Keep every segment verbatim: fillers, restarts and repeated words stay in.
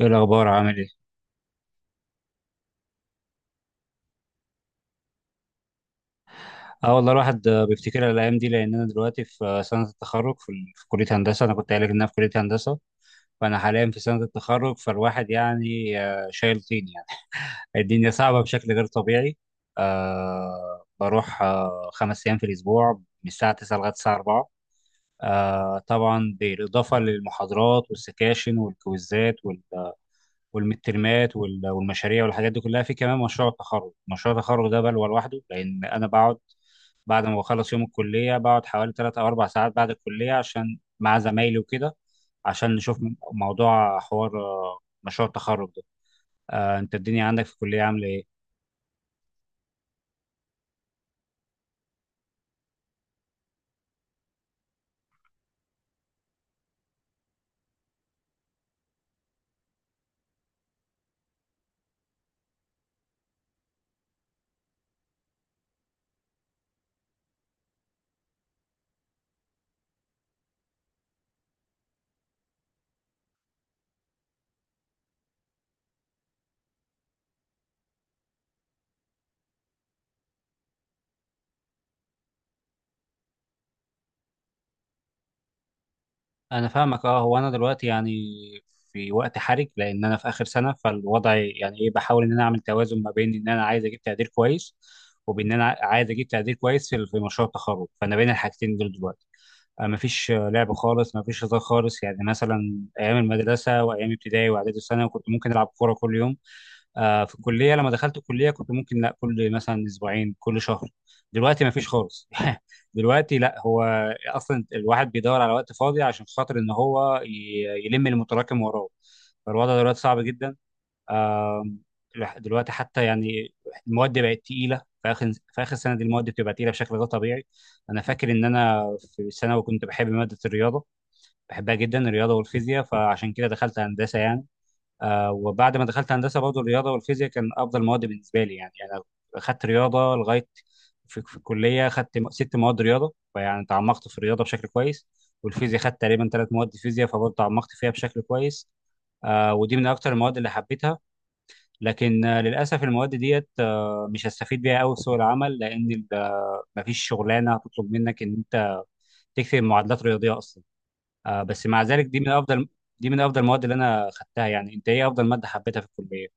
ايه الاخبار عامل ايه؟ اه والله الواحد آه، بيفتكر الايام دي لان انا دلوقتي في آه، سنه التخرج في ال- في كليه هندسه. انا كنت قايل لك ان انا في كليه هندسه، فانا حاليا في سنه التخرج. فالواحد يعني آه، شايل طين يعني. الدنيا صعبه بشكل غير طبيعي. أه بروح أه خمس ايام في الاسبوع، من الساعه تسعة لغايه الساعه اربعة. أه طبعا بالاضافه للمحاضرات والسكاشن والكويزات وال- والمترمات وال- والمشاريع والحاجات دي كلها، في كمان مشروع التخرج. مشروع التخرج ده بلوى لوحده، لان انا بقعد بعد ما بخلص يوم الكلية بقعد حوالي تلات أو أربع ساعات بعد الكلية عشان مع زمايلي وكده، عشان نشوف م- موضوع حوار آه، مشروع التخرج ده. آه، أنت الدنيا عندك في الكلية عاملة إيه؟ أنا فاهمك. أه هو أنا دلوقتي يعني في وقت حرج، لأن أنا في آخر سنة. فالوضع يعني إيه، بحاول إن أنا أعمل توازن ما بين إن أنا عايز أجيب تقدير كويس، وبإن أنا عايز أجيب تقدير كويس في في مشروع التخرج، فأنا بين الحاجتين دول دلوقتي. آه، مفيش آه، لعب خالص، مفيش هزار خالص. يعني مثلا ايام المدرسه وايام ابتدائي واعدادي وثانوي كنت ممكن العب كوره كل يوم. آه، في الكليه لما دخلت الكليه كنت ممكن لا، كل مثلا اسبوعين كل شهر. دلوقتي مفيش خالص. دلوقتي لا، هو اصلا الواحد بيدور على وقت فاضي عشان خاطر ان هو ي- يلم المتراكم وراه. فالوضع دلوقتي صعب جدا. آم، لح- دلوقتي حتى يعني المواد بقت تقيله. في اخر في اخر سنه دي المواد بتبقى تقيله بشكل غير طبيعي. انا فاكر ان انا في ثانوي كنت بحب ماده الرياضه، بحبها جدا الرياضه والفيزياء، فعشان كده دخلت هندسه يعني. آه وبعد ما دخلت هندسه برضه الرياضه والفيزياء كان افضل مواد بالنسبه لي. يعني يعني انا اخدت رياضه لغايه في, في الكليه، اخدت م- ست مواد رياضه، فيعني تعمقت في الرياضه بشكل كويس. والفيزياء خدت تقريبا ثلاث مواد فيزياء، فبرضه تعمقت فيها بشكل كويس. آه ودي من اكتر المواد اللي حبيتها. لكن آه، للاسف المواد ديت آه، مش هستفيد بيها قوي في سوق العمل، لان ال- مفيش شغلانه هتطلب منك ان انت تكتب معادلات رياضيه اصلا. آه، بس مع ذلك دي من افضل دي من افضل المواد اللي انا خدتها يعني. انت ايه افضل ماده حبيتها في الكليه؟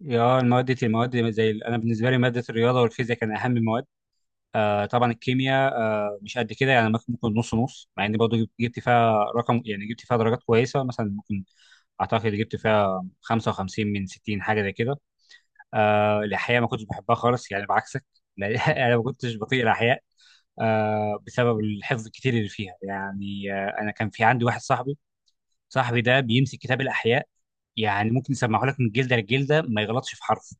يا المواد المواد زي ال- انا بالنسبه لي ماده الرياضه والفيزياء كان اهم المواد. آه، طبعا الكيمياء آه، مش قد كده يعني، ممكن ممكن نص نص، مع اني برضه جبت جبت فيها رقم، يعني جبت فيها درجات كويسه، مثلا ممكن اعتقد جبت فيها خمسة وخمسين من ستين حاجه زي كده. آه الأحياء ما كنتش بحبها خالص يعني، بعكسك. لأن أنا ما كنتش بطيق الأحياء آه بسبب الحفظ الكتير اللي فيها يعني. آه أنا كان في عندي واحد صاحبي، صاحبي ده بيمسك كتاب الأحياء يعني ممكن يسمعه لك من جلدة لجلدة ما يغلطش في حرف.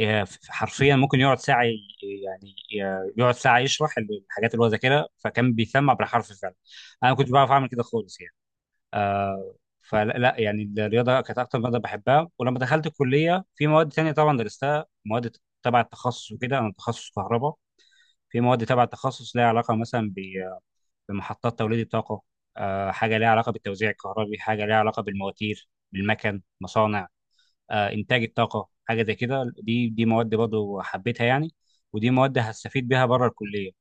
آه، ف- حرفيا ممكن يقعد ساعة ي- يعني آه، يقعد ساعة يشرح الحاجات اللي هو ذاكرها، فكان بيسمع بالحرف فعلا. أنا ما كنتش بعرف أعمل كده خالص يعني. آه، فلا لا يعني الرياضه كانت اكتر ماده بحبها. ولما دخلت الكليه في مواد تانية طبعا درستها، مواد تبع التخصص وكده، انا تخصص كهرباء. في مواد تبع التخصص ليها علاقه مثلا ب- بمحطات توليد الطاقه، آه حاجه ليها علاقه بالتوزيع الكهربي، حاجه ليها علاقه بالمواتير بالمكن مصانع، آه انتاج الطاقه، حاجه زي كده. دي دي مواد برضه حبيتها يعني، ودي مواد هستفيد بيها بره الكليه.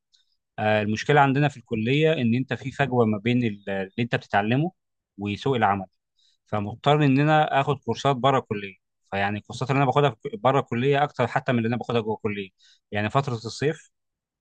آه المشكله عندنا في الكليه ان انت في فجوه ما بين ال- اللي انت بتتعلمه وسوق العمل، فمضطر ان انا اخد كورسات بره الكليه. فيعني الكورسات اللي انا باخدها في- بره الكليه اكتر حتى من اللي انا باخدها جوه الكليه. يعني فتره الصيف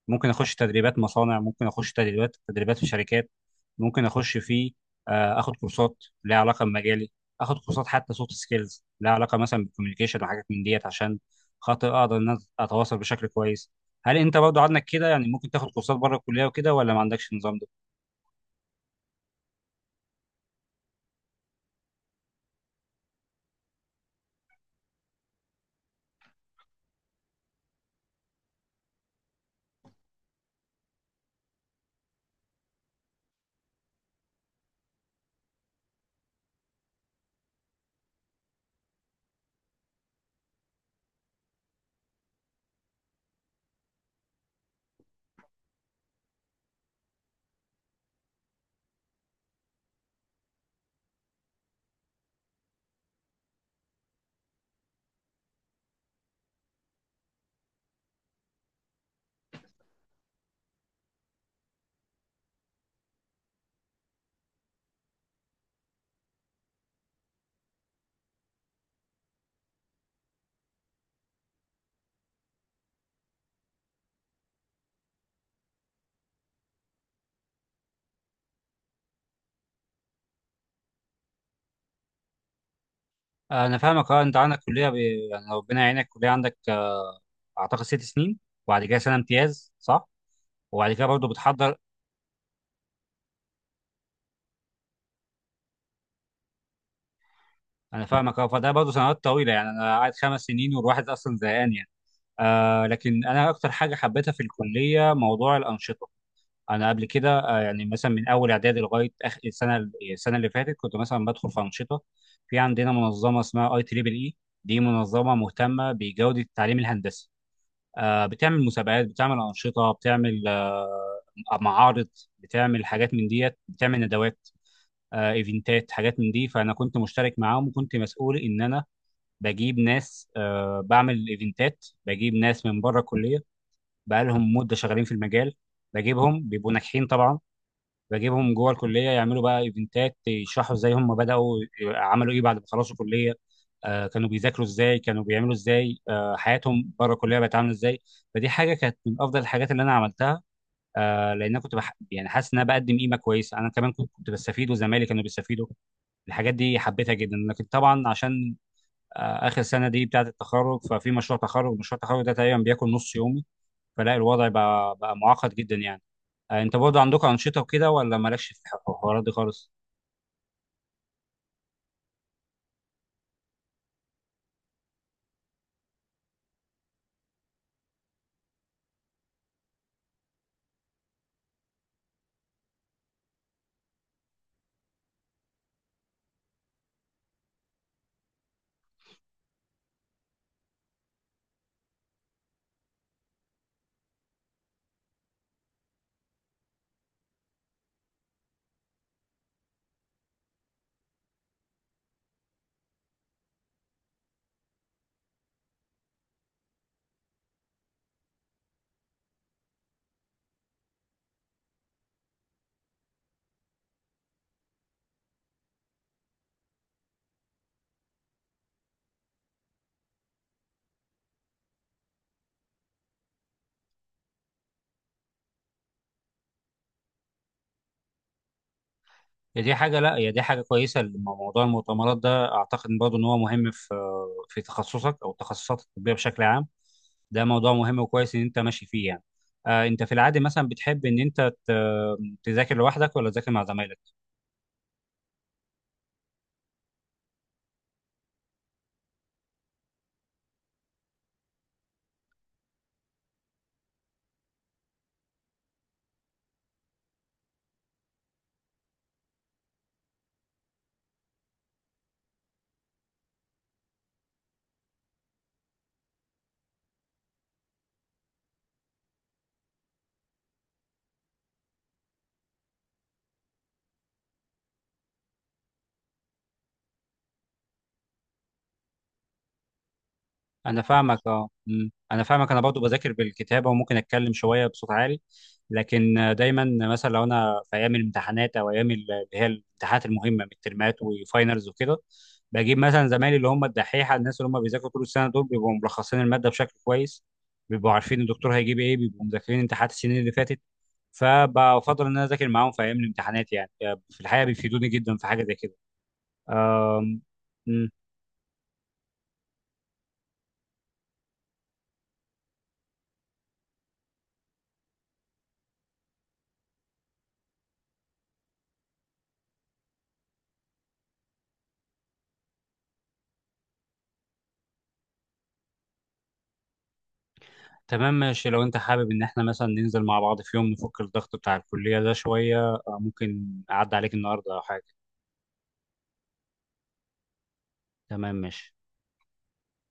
ممكن اخش تدريبات مصانع، ممكن اخش تدريبات تدريبات في شركات، ممكن اخش في آه، اخد كورسات ليها علاقه بمجالي، اخد كورسات حتى سوفت سكيلز ليها علاقه مثلا بالكوميونيكيشن وحاجات من ديت، عشان خاطر اقدر ان أنا اتواصل بشكل كويس. هل انت برضو عندك كده يعني، ممكن تاخد كورسات بره الكليه وكده، ولا ما عندكش النظام ده؟ انا فاهمك. اه انت عندك كليه ب... يعني ربنا يعينك، كليه عندك اعتقد ست سنين، وبعد كده سنه امتياز صح؟ وبعد كده برضه بتحضر. انا فاهمك. اه فده برضه سنوات طويله، يعني انا قاعد خمس سنين والواحد اصلا زهقان يعني. آه لكن انا اكتر حاجه حبيتها في الكليه موضوع الانشطه. انا قبل كده آه يعني مثلا من اول اعدادي لغايه اخر السنه، السنه اللي فاتت كنت مثلا بدخل في انشطه. في عندنا منظمه اسمها اي تريبل اي، دي منظمه مهتمه بجوده التعليم الهندسي. آه بتعمل مسابقات، بتعمل انشطه، بتعمل آه معارض، بتعمل حاجات من ديت، بتعمل ندوات، آه، ايفنتات، حاجات من دي. فانا كنت مشترك معاهم وكنت مسؤول ان انا بجيب ناس، آه، بعمل ايفنتات، بجيب ناس من بره الكليه بقالهم مده شغالين في المجال، بجيبهم بيبقوا ناجحين طبعا، بجيبهم جوه الكليه يعملوا بقى ايفنتات يشرحوا ازاي هم بداوا، عملوا ايه بعد ما خلصوا كليه، آه، كانوا بيذاكروا ازاي، كانوا بيعملوا ازاي آه، حياتهم بره الكليه بقت عامله ازاي. فدي حاجه كانت من افضل الحاجات اللي انا عملتها، آه، لان انا كنت بح... يعني حاسس ان انا بقدم قيمه كويسه، انا كمان كنت كنت بستفيد وزمايلي كانوا بيستفيدوا. الحاجات دي حبيتها جدا، لكن طبعا عشان آه، اخر سنه دي بتاعه التخرج ففي مشروع تخرج، مشروع التخرج ده تقريبا بياكل نص يومي. فلا الوضع بقى, بقى معقد جدا يعني. آه، انت برضه عندكم انشطه وكده، ولا مالكش في الحوارات دي خالص؟ هي دي حاجه، لا هي دي حاجه كويسه. موضوع المؤتمرات ده اعتقد برضه ان هو مهم في في تخصصك او التخصصات الطبيه بشكل عام. ده موضوع مهم وكويس ان انت ماشي فيه يعني. آه، انت في العادي مثلا بتحب ان انت ت- تذاكر لوحدك ولا تذاكر مع زمايلك؟ انا فاهمك. اه أمم. انا فاهمك، انا برضو بذاكر بالكتابه وممكن اتكلم شويه بصوت عالي. لكن آه، دايما مثلا لو انا في ايام الامتحانات او ايام ال- اللي هي الامتحانات المهمه، الترمات وفاينلز وكده، بجيب مثلا زمايلي اللي هم الدحيحه، الناس اللي هم بيذاكروا طول السنه دول بيبقوا ملخصين الماده بشكل كويس، بيبقوا عارفين الدكتور هيجيب ايه، بيبقوا مذاكرين امتحانات السنين اللي فاتت. فبفضل ان انا اذاكر معاهم في ايام الامتحانات يعني، آه، في الحقيقه بيفيدوني جدا في حاجه زي كده. آم، تمام ماشي. لو انت حابب ان احنا مثلا ننزل مع بعض في يوم نفك الضغط بتاع الكلية ده شوية، آه، ممكن اعدي عليك النهاردة او حاجة. تمام ماشي.